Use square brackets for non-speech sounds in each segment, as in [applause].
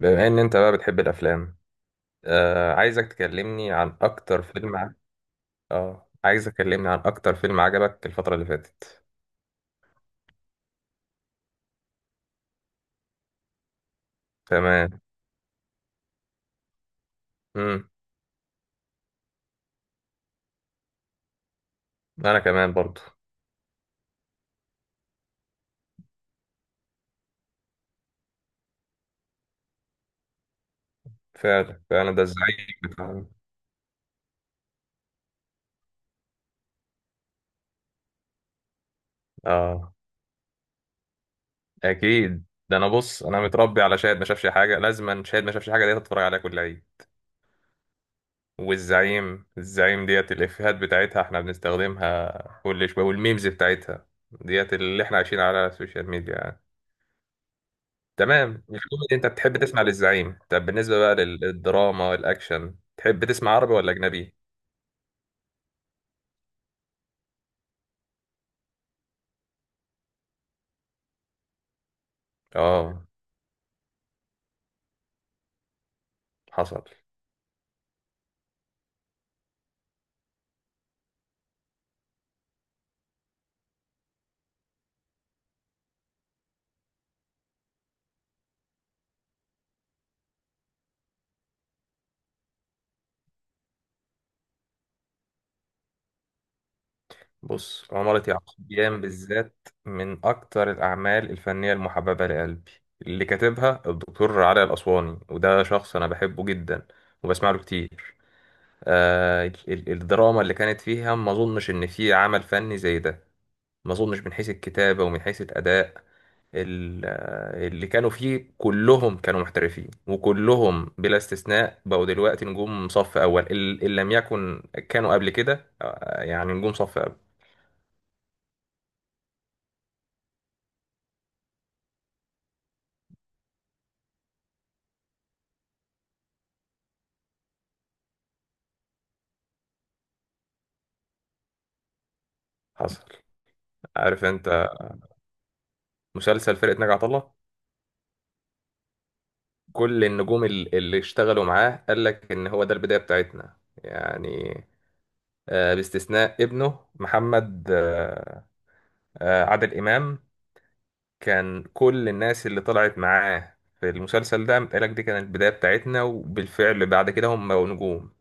بما ان انت بقى بتحب الافلام. آه عايزك تكلمني عن اكتر فيلم ع... اه عايزك تكلمني عن اكتر فيلم عجبك الفترة اللي فاتت. تمام. امم انا كمان برضو. فعلا فعلا، ده ازاي؟ بتاع- اه، اكيد. ده انا بص، انا متربي على شاهد ما شافش حاجة، لازما شاهد ما شافش حاجة ديت اتفرج عليها كل عيد. والزعيم، الزعيم ديت الافيهات بتاعتها احنا بنستخدمها كل شوية، والميمز بتاعتها ديت اللي احنا عايشين على السوشيال ميديا يعني. تمام، الكوميدي انت بتحب تسمع للزعيم. طب بالنسبة بقى للدراما والاكشن، تحب تسمع عربي ولا اجنبي؟ اه. حصل. بص، عمارة يعقوبيان بالذات من اكتر الاعمال الفنية المحببة لقلبي، اللي كاتبها الدكتور علي الاسواني، وده شخص انا بحبه جدا وبسمع له كتير. الدراما اللي كانت فيها، ما اظنش ان في عمل فني زي ده، ما اظنش من حيث الكتابة ومن حيث الاداء. ال- اللي كانوا فيه كلهم كانوا محترفين، وكلهم بلا استثناء بقوا دلوقتي نجوم صف أول. ال- اللي لم يكن كانوا قبل كده يعني نجوم صف أول. حصل. عارف أنت مسلسل فرقة ناجي عطا الله؟ كل النجوم اللي اشتغلوا معاه قال لك إن هو ده البداية بتاعتنا يعني. باستثناء ابنه محمد، عادل إمام كان كل الناس اللي طلعت معاه في المسلسل ده متقالك دي كانت البداية بتاعتنا، وبالفعل بعد كده هم بقوا نجوم.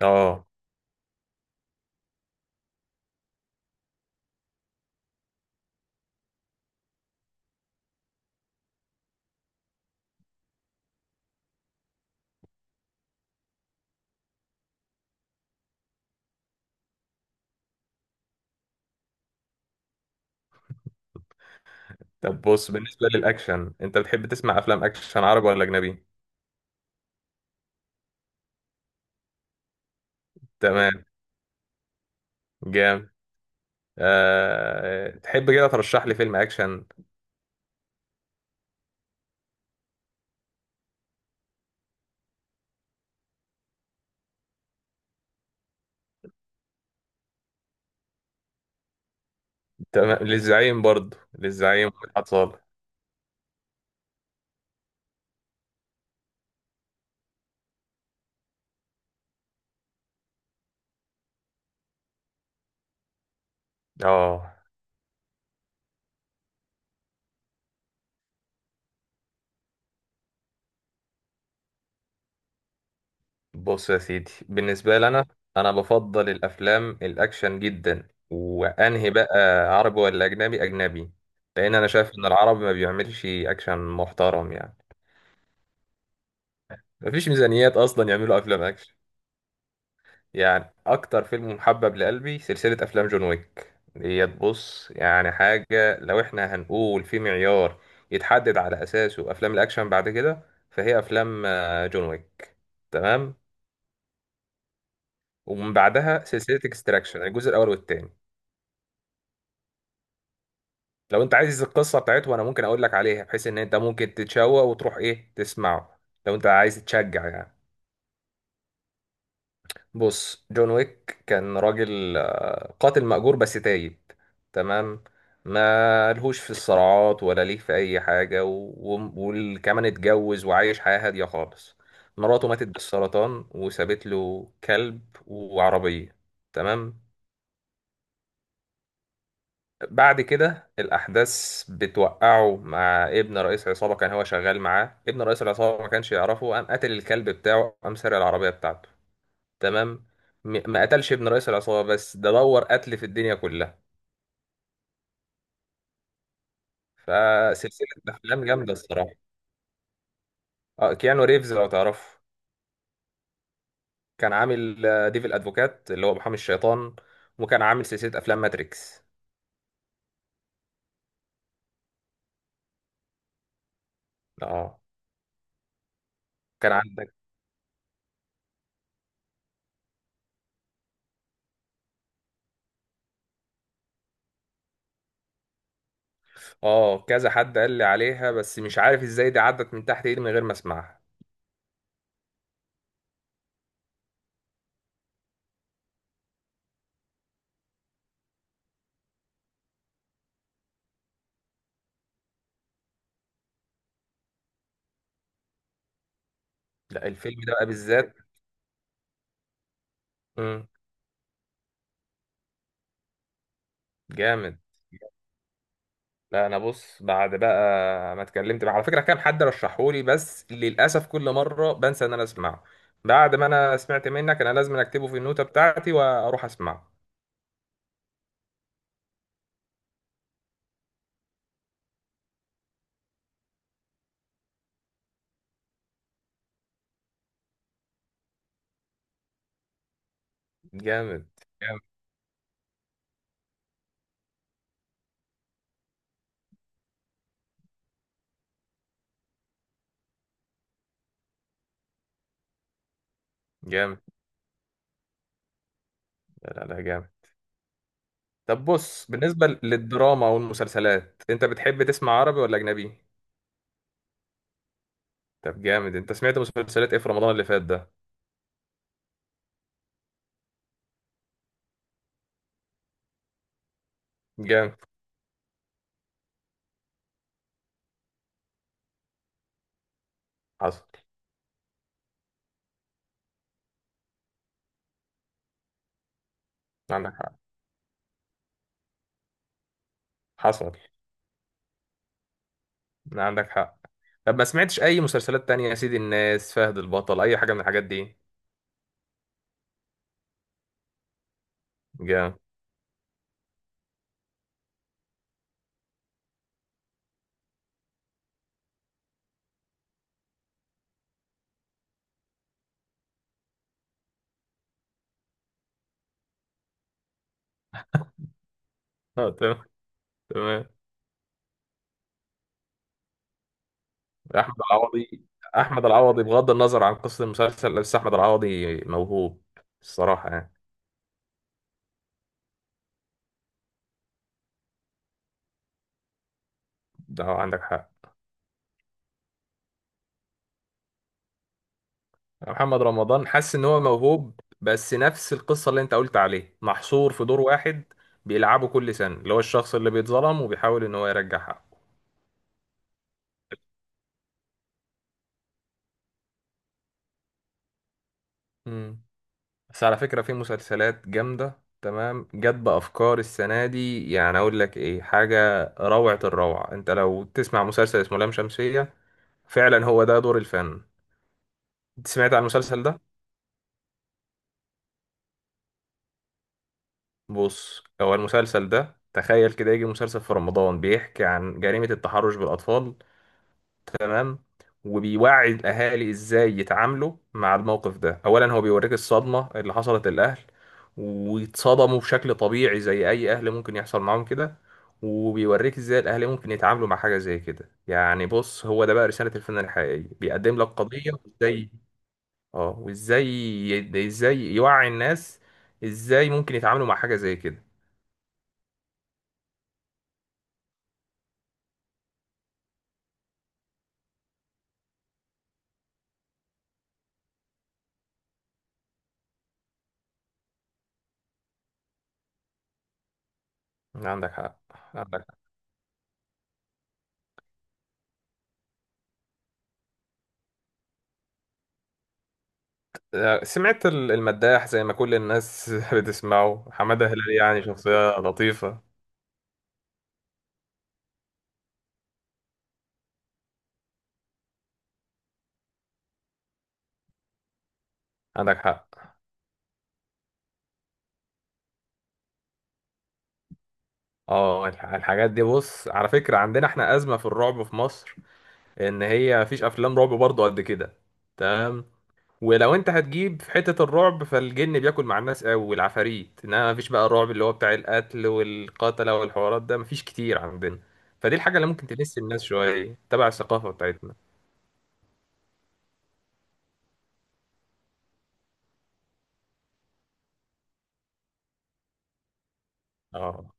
اه. طب بص، بالنسبة للأكشن أنت بتحب تسمع أفلام أكشن عربي ولا أجنبي؟ تمام. جامد. تحب كده ترشح لي فيلم أكشن؟ تمام، للزعيم برضه، للزعيم مدحت صالح. اه. بص يا سيدي، بالنسبة لي أنا بفضل الأفلام الأكشن جدا. وأنهي بقى، عربي ولا أجنبي؟ أجنبي. لأن أنا شايف إن العربي ما بيعملش أكشن محترم، يعني مفيش ميزانيات أصلا يعملوا أفلام أكشن. يعني أكتر فيلم محبب لقلبي سلسلة أفلام جون ويك. ديت بص، يعني حاجة، لو إحنا هنقول في معيار يتحدد على أساسه أفلام الأكشن بعد كده، فهي أفلام جون ويك. تمام. ومن بعدها سلسلة اكستراكشن، الجزء الأول والتاني. لو انت عايز القصه بتاعته، انا ممكن اقول لك عليها، بحيث ان انت ممكن تتشوق وتروح ايه تسمعه، لو انت عايز تشجع يعني. بص، جون ويك كان راجل قاتل مأجور بس تايب. تمام. ما لهوش في الصراعات ولا ليه في اي حاجه، وكمان اتجوز وعايش حياه هاديه خالص. مراته ماتت بالسرطان وسابت له كلب وعربيه. تمام. بعد كده الأحداث بتوقعه مع ابن رئيس عصابة كان هو شغال معاه. ابن رئيس العصابة ما كانش يعرفه، قام قتل الكلب بتاعه، قام سرق العربية بتاعته. تمام. ما قتلش ابن رئيس العصابة، بس ده دور قتل في الدنيا كلها. فسلسلة أفلام جامدة الصراحة. اه، كيانو ريفز لو تعرفه. كان عامل ديفل أدفوكات، اللي هو محامي الشيطان. وكان عامل سلسلة أفلام ماتريكس. اه. كان عندك اه كذا حد قال لي عليها، بس مش عارف ازاي دي عدت من تحت ايدي من غير ما اسمعها. لا الفيلم ده بقى بالذات. مم. جامد. لا انا بص، بعد بقى ما اتكلمت، مع على فكره كام حد رشحولي، بس للاسف كل مره بنسى ان انا اسمعه. بعد ما انا سمعت منك انا لازم اكتبه في النوتة بتاعتي واروح اسمعه. جامد. جامد جامد. لا لا لا، جامد. طب بص، بالنسبه للدراما والمسلسلات انت بتحب تسمع عربي ولا اجنبي؟ طب جامد، انت سمعت مسلسلات ايه في رمضان اللي فات ده؟ جامد. حصل. عندك حق. حصل. عندك حق. طب ما سمعتش اي مسلسلات تانية يا سيدي، الناس فهد البطل، اي حاجة من الحاجات دي؟ جامد. تمام. تمام. احمد العوضي، احمد العوضي بغض النظر عن قصة المسلسل، بس احمد العوضي موهوب الصراحة يعني. ده عندك حق. محمد رمضان حاسس ان هو موهوب، بس نفس القصة اللي انت قلت عليه، محصور في دور واحد بيلعبه كل سنة، اللي هو الشخص اللي بيتظلم وبيحاول ان هو يرجع حقه. مم. بس على فكرة في مسلسلات جامدة تمام جت بأفكار السنة دي، يعني أقول لك إيه، حاجة روعة الروعة، أنت لو تسمع مسلسل اسمه لام شمسية. فعلا هو ده دور الفن. أنت سمعت عن المسلسل ده؟ بص هو المسلسل ده، تخيل كده يجي مسلسل في رمضان بيحكي عن جريمة التحرش بالأطفال. تمام. وبيوعي الاهالي ازاي يتعاملوا مع الموقف ده، اولا هو بيوريك الصدمه اللي حصلت للاهل. ويتصدموا بشكل طبيعي زي اي اهل ممكن يحصل معاهم كده. وبيوريك ازاي الاهل ممكن يتعاملوا مع حاجه زي كده، يعني بص هو ده بقى رساله الفن الحقيقيه، بيقدم لك قضيه وازاي. اه، وازاي، ازاي يوعي الناس، ازاي ممكن يتعاملوا مع حاجه زي كده. عندك حق. عندك سمعت المداح زي ما كل الناس [laughs] بتسمعه. حمادة هلال يعني شخصية لطيفة. عندك حق. اه، الحاجات دي، بص على فكرة عندنا احنا أزمة في الرعب في مصر. إن هي مفيش أفلام رعب برضه قد كده. تمام. ولو أنت هتجيب في حتة الرعب، فالجن بياكل مع الناس أوي والعفاريت، إنما مفيش بقى الرعب اللي هو بتاع القتل والقتلة والحوارات ده مفيش كتير عندنا. فدي الحاجة اللي ممكن تلس الناس شوية تبع الثقافة بتاعتنا. اه.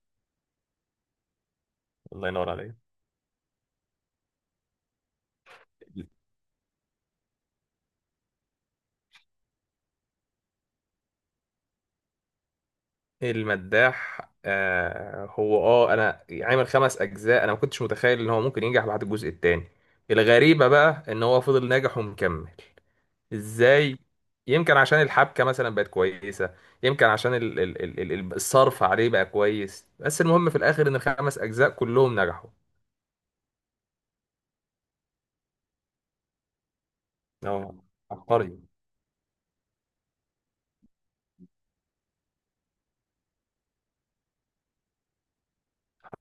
الله ينور عليك. المداح، آه هو اه انا عامل 5 أجزاء، انا ما كنتش متخيل ان هو ممكن ينجح بعد الجزء الثاني. الغريبه بقى ان هو فضل ناجح ومكمل. ازاي؟ يمكن عشان الحبكه مثلا بقت كويسه. يمكن عشان الصرف عليه بقى كويس، بس المهم في الاخر ان الـ5 أجزاء كلهم نجحوا. اه. عبقري.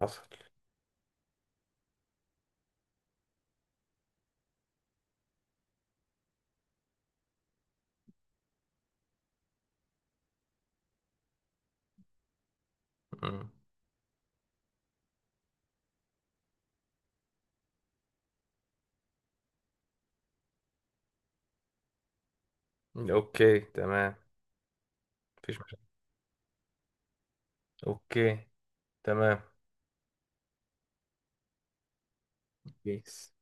حصل. مم. اوكي. تمام. مفيش مشكله. اوكي. تمام. بيس.